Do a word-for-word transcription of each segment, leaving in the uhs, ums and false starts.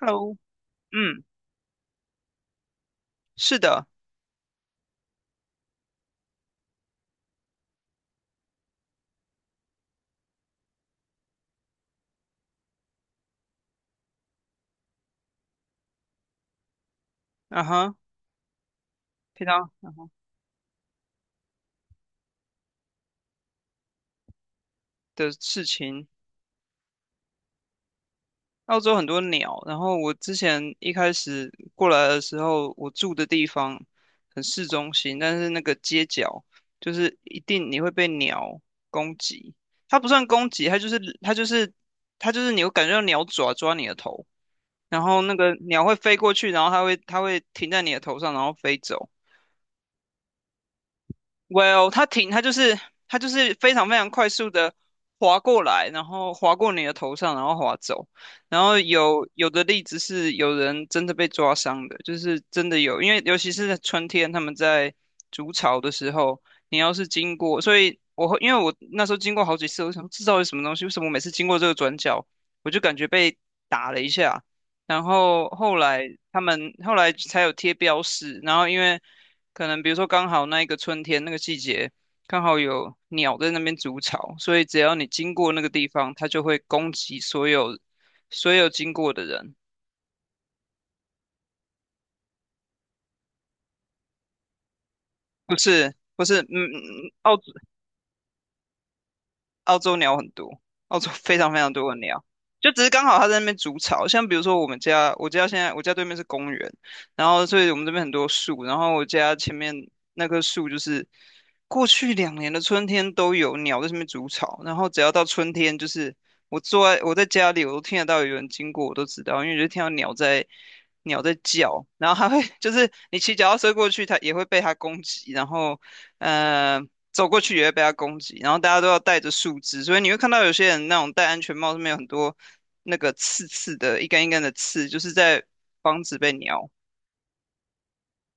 Hello。嗯。是的。嗯哼。平常，嗯哼，的事情。澳洲很多鸟。然后我之前一开始过来的时候，我住的地方很市中心，但是那个街角就是一定你会被鸟攻击。它不算攻击，它就是它就是它就是你会感觉到鸟爪抓你的头，然后那个鸟会飞过去，然后它会它会停在你的头上，然后飞走。Well，它停，它就是它就是非常非常快速的划过来，然后划过你的头上，然后划走。然后有有的例子是有人真的被抓伤的，就是真的有，因为尤其是在春天，他们在筑巢的时候，你要是经过，所以我会因为我那时候经过好几次，我想说这到底什么东西？为什么我每次经过这个转角，我就感觉被打了一下？然后后来他们后来才有贴标识，然后因为，可能比如说刚好那一个春天那个季节，刚好有鸟在那边筑巢，所以只要你经过那个地方，它就会攻击所有所有经过的人。不是不是，嗯，澳澳洲鸟很多，澳洲非常非常多的鸟，就只是刚好它在那边筑巢。像比如说我们家，我家现在我家对面是公园，然后所以我们这边很多树，然后我家前面那棵树就是过去两年的春天都有鸟在上面筑巢，然后只要到春天，就是我坐在我在家里，我都听得到有人经过，我都知道，因为我就听到鸟在，鸟在叫。然后它会 就是你骑脚踏车过去，它也会被它攻击，然后呃，走过去也会被它攻击，然后大家都要戴着树枝，所以你会看到有些人那种戴安全帽上面有很多那个刺刺的，一根一根的刺，就是在防止被鸟。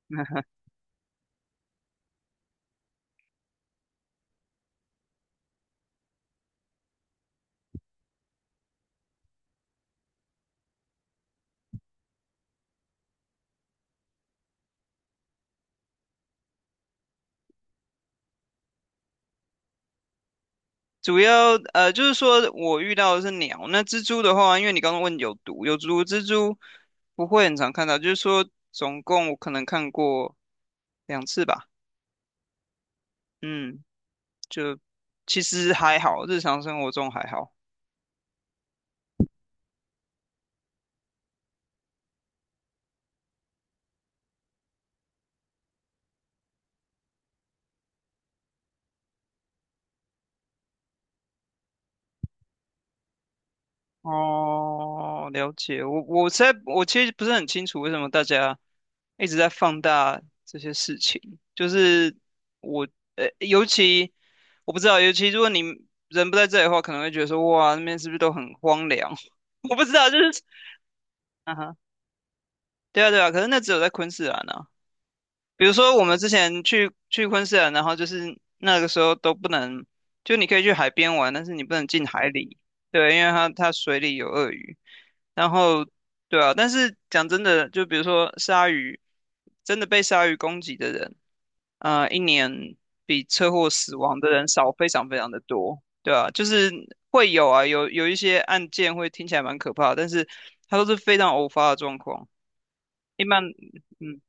主要呃，就是说我遇到的是鸟，那蜘蛛的话，因为你刚刚问有毒，有毒蜘蛛不会很常看到，就是说总共我可能看过两次吧，嗯，就其实还好，日常生活中还好。哦，了解。我我实在我其实不是很清楚为什么大家一直在放大这些事情，就是我呃，尤其我不知道，尤其如果你人不在这里的话，可能会觉得说哇，那边是不是都很荒凉？我不知道，就是啊哈，对啊对啊，可是那只有在昆士兰啊。比如说我们之前去去昆士兰，然后就是那个时候都不能，就你可以去海边玩，但是你不能进海里，对，因为它它水里有鳄鱼。然后，对啊，但是讲真的，就比如说鲨鱼，真的被鲨鱼攻击的人，呃，一年比车祸死亡的人少非常非常的多，对啊，就是会有啊，有有一些案件会听起来蛮可怕的，但是它都是非常偶发的状况，一般，嗯，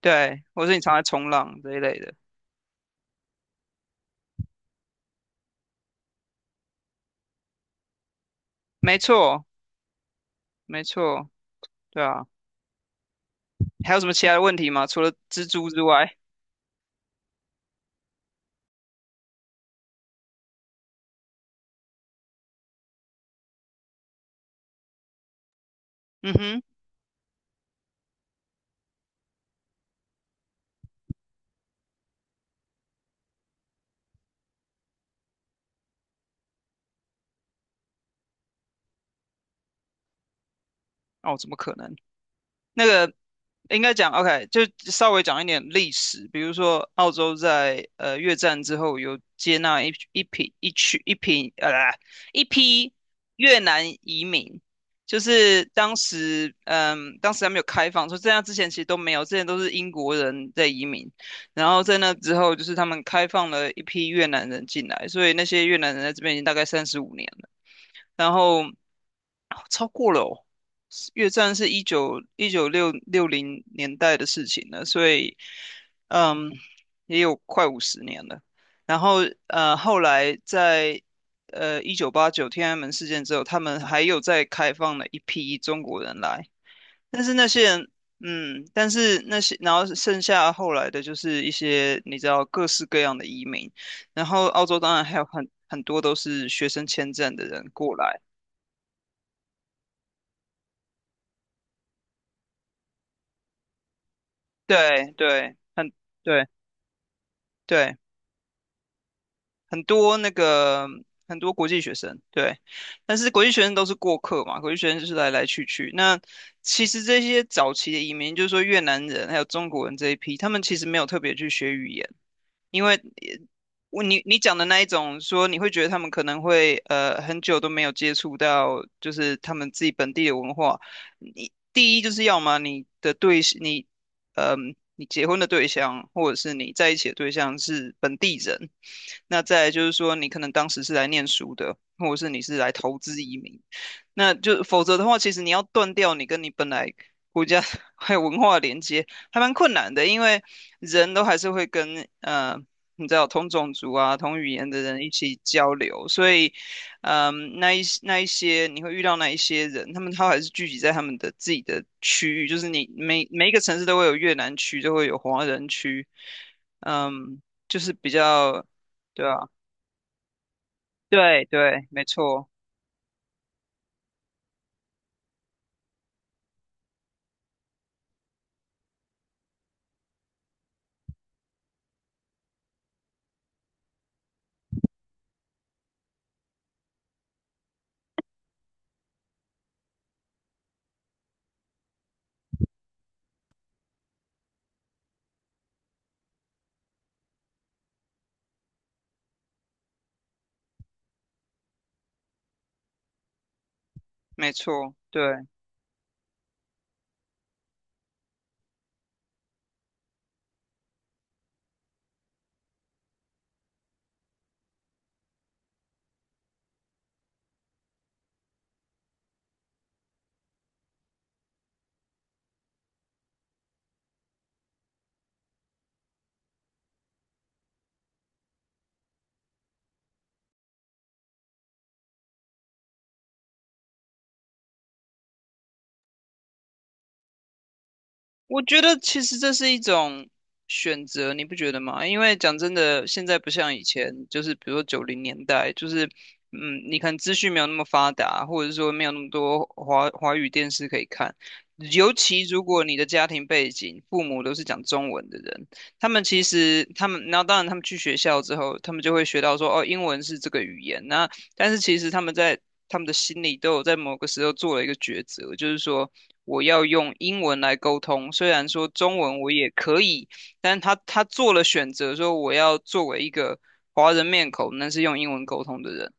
对，或是你常在冲浪这一类的，没错，没错，对啊，还有什么其他的问题吗？除了蜘蛛之外，嗯哼，哦，怎么可能？那个应该讲 OK,就稍微讲一点历史，比如说澳洲在呃越战之后有接纳一一批一区一批呃一批越南移民，就是当时嗯当时还没有开放，说这样之前其实都没有，之前都是英国人在移民，然后在那之后就是他们开放了一批越南人进来，所以那些越南人在这边已经大概三十五年了，然后哦超过了哦。越战是一九一九六六零年代的事情了，所以嗯，也有快五十年了。然后呃，后来在呃一九八九天安门事件之后，他们还有再开放了一批中国人来，但是那些人。嗯，但是那些，然后剩下后来的就是一些你知道各式各样的移民，然后澳洲当然还有很很多都是学生签证的人过来，对对，很对。对，很多那个很多国际学生，对，但是国际学生都是过客嘛，国际学生就是来来去去。那其实这些早期的移民，就是说越南人还有中国人这一批，他们其实没有特别去学语言，因为呃我你你讲的那一种说，你会觉得他们可能会呃很久都没有接触到，就是他们自己本地的文化。你第一就是要么你的对，你嗯，你结婚的对象或者是你在一起的对象是本地人，那再来就是说你可能当时是来念书的，或者是你是来投资移民，那就否则的话，其实你要断掉你跟你本来国家 还有文化的连接，还蛮困难的，因为人都还是会跟呃，你知道同种族啊、同语言的人一起交流，所以嗯，那一那一些你会遇到那一些人，他们他还是聚集在他们的自己的区域，就是你每每一个城市都会有越南区，都会有华人区，嗯，就是比较，对啊，对对，没错，没错，对。我觉得其实这是一种选择，你不觉得吗？因为讲真的，现在不像以前，就是比如说九零年代，就是嗯，你看资讯没有那么发达，或者是说没有那么多华华语电视可以看。尤其如果你的家庭背景，父母都是讲中文的人，他们其实他们，然后当然他们去学校之后，他们就会学到说，哦，英文是这个语言，那但是其实他们在他们的心里都有在某个时候做了一个抉择，就是说我要用英文来沟通，虽然说中文我也可以，但是他他做了选择，说我要作为一个华人面孔，那是用英文沟通的人。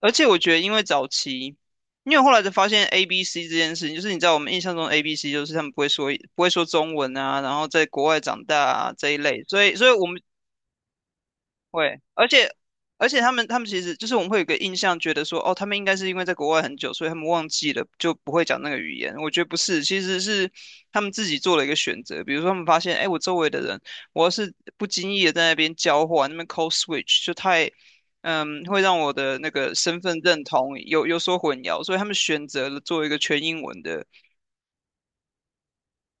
而且我觉得，因为早期，因为我后来才发现 A B C 这件事情，就是你知道我们印象中 A B C 就是他们不会说不会说中文啊，然后在国外长大啊这一类，所以所以我们会，而且而且他们他们其实就是我们会有一个印象，觉得说哦，他们应该是因为在国外很久，所以他们忘记了就不会讲那个语言。我觉得不是，其实是他们自己做了一个选择。比如说他们发现，哎，我周围的人，我要是不经意的在那边交换，那边 code switch 就太，嗯，会让我的那个身份认同有有所混淆，所以他们选择了做一个全英文的，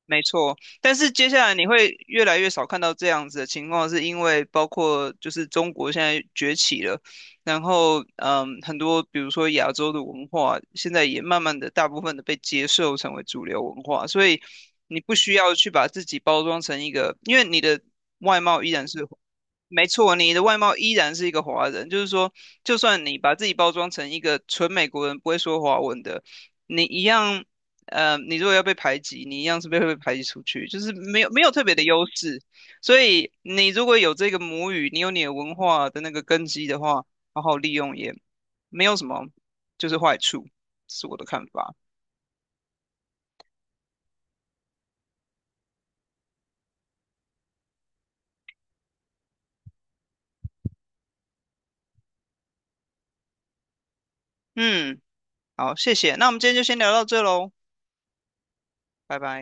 没错，但是接下来你会越来越少看到这样子的情况，是因为包括就是中国现在崛起了，然后嗯，很多比如说亚洲的文化，现在也慢慢的大部分的被接受成为主流文化，所以你不需要去把自己包装成一个，因为你的外貌依然是，没错，你的外貌依然是一个华人，就是说，就算你把自己包装成一个纯美国人，不会说华文的，你一样呃，你如果要被排挤，你一样是被会被排挤出去，就是没有没有特别的优势。所以你如果有这个母语，你有你的文化的那个根基的话，好好利用也没有什么就是坏处，是我的看法。嗯，好，谢谢。那我们今天就先聊到这喽，拜拜。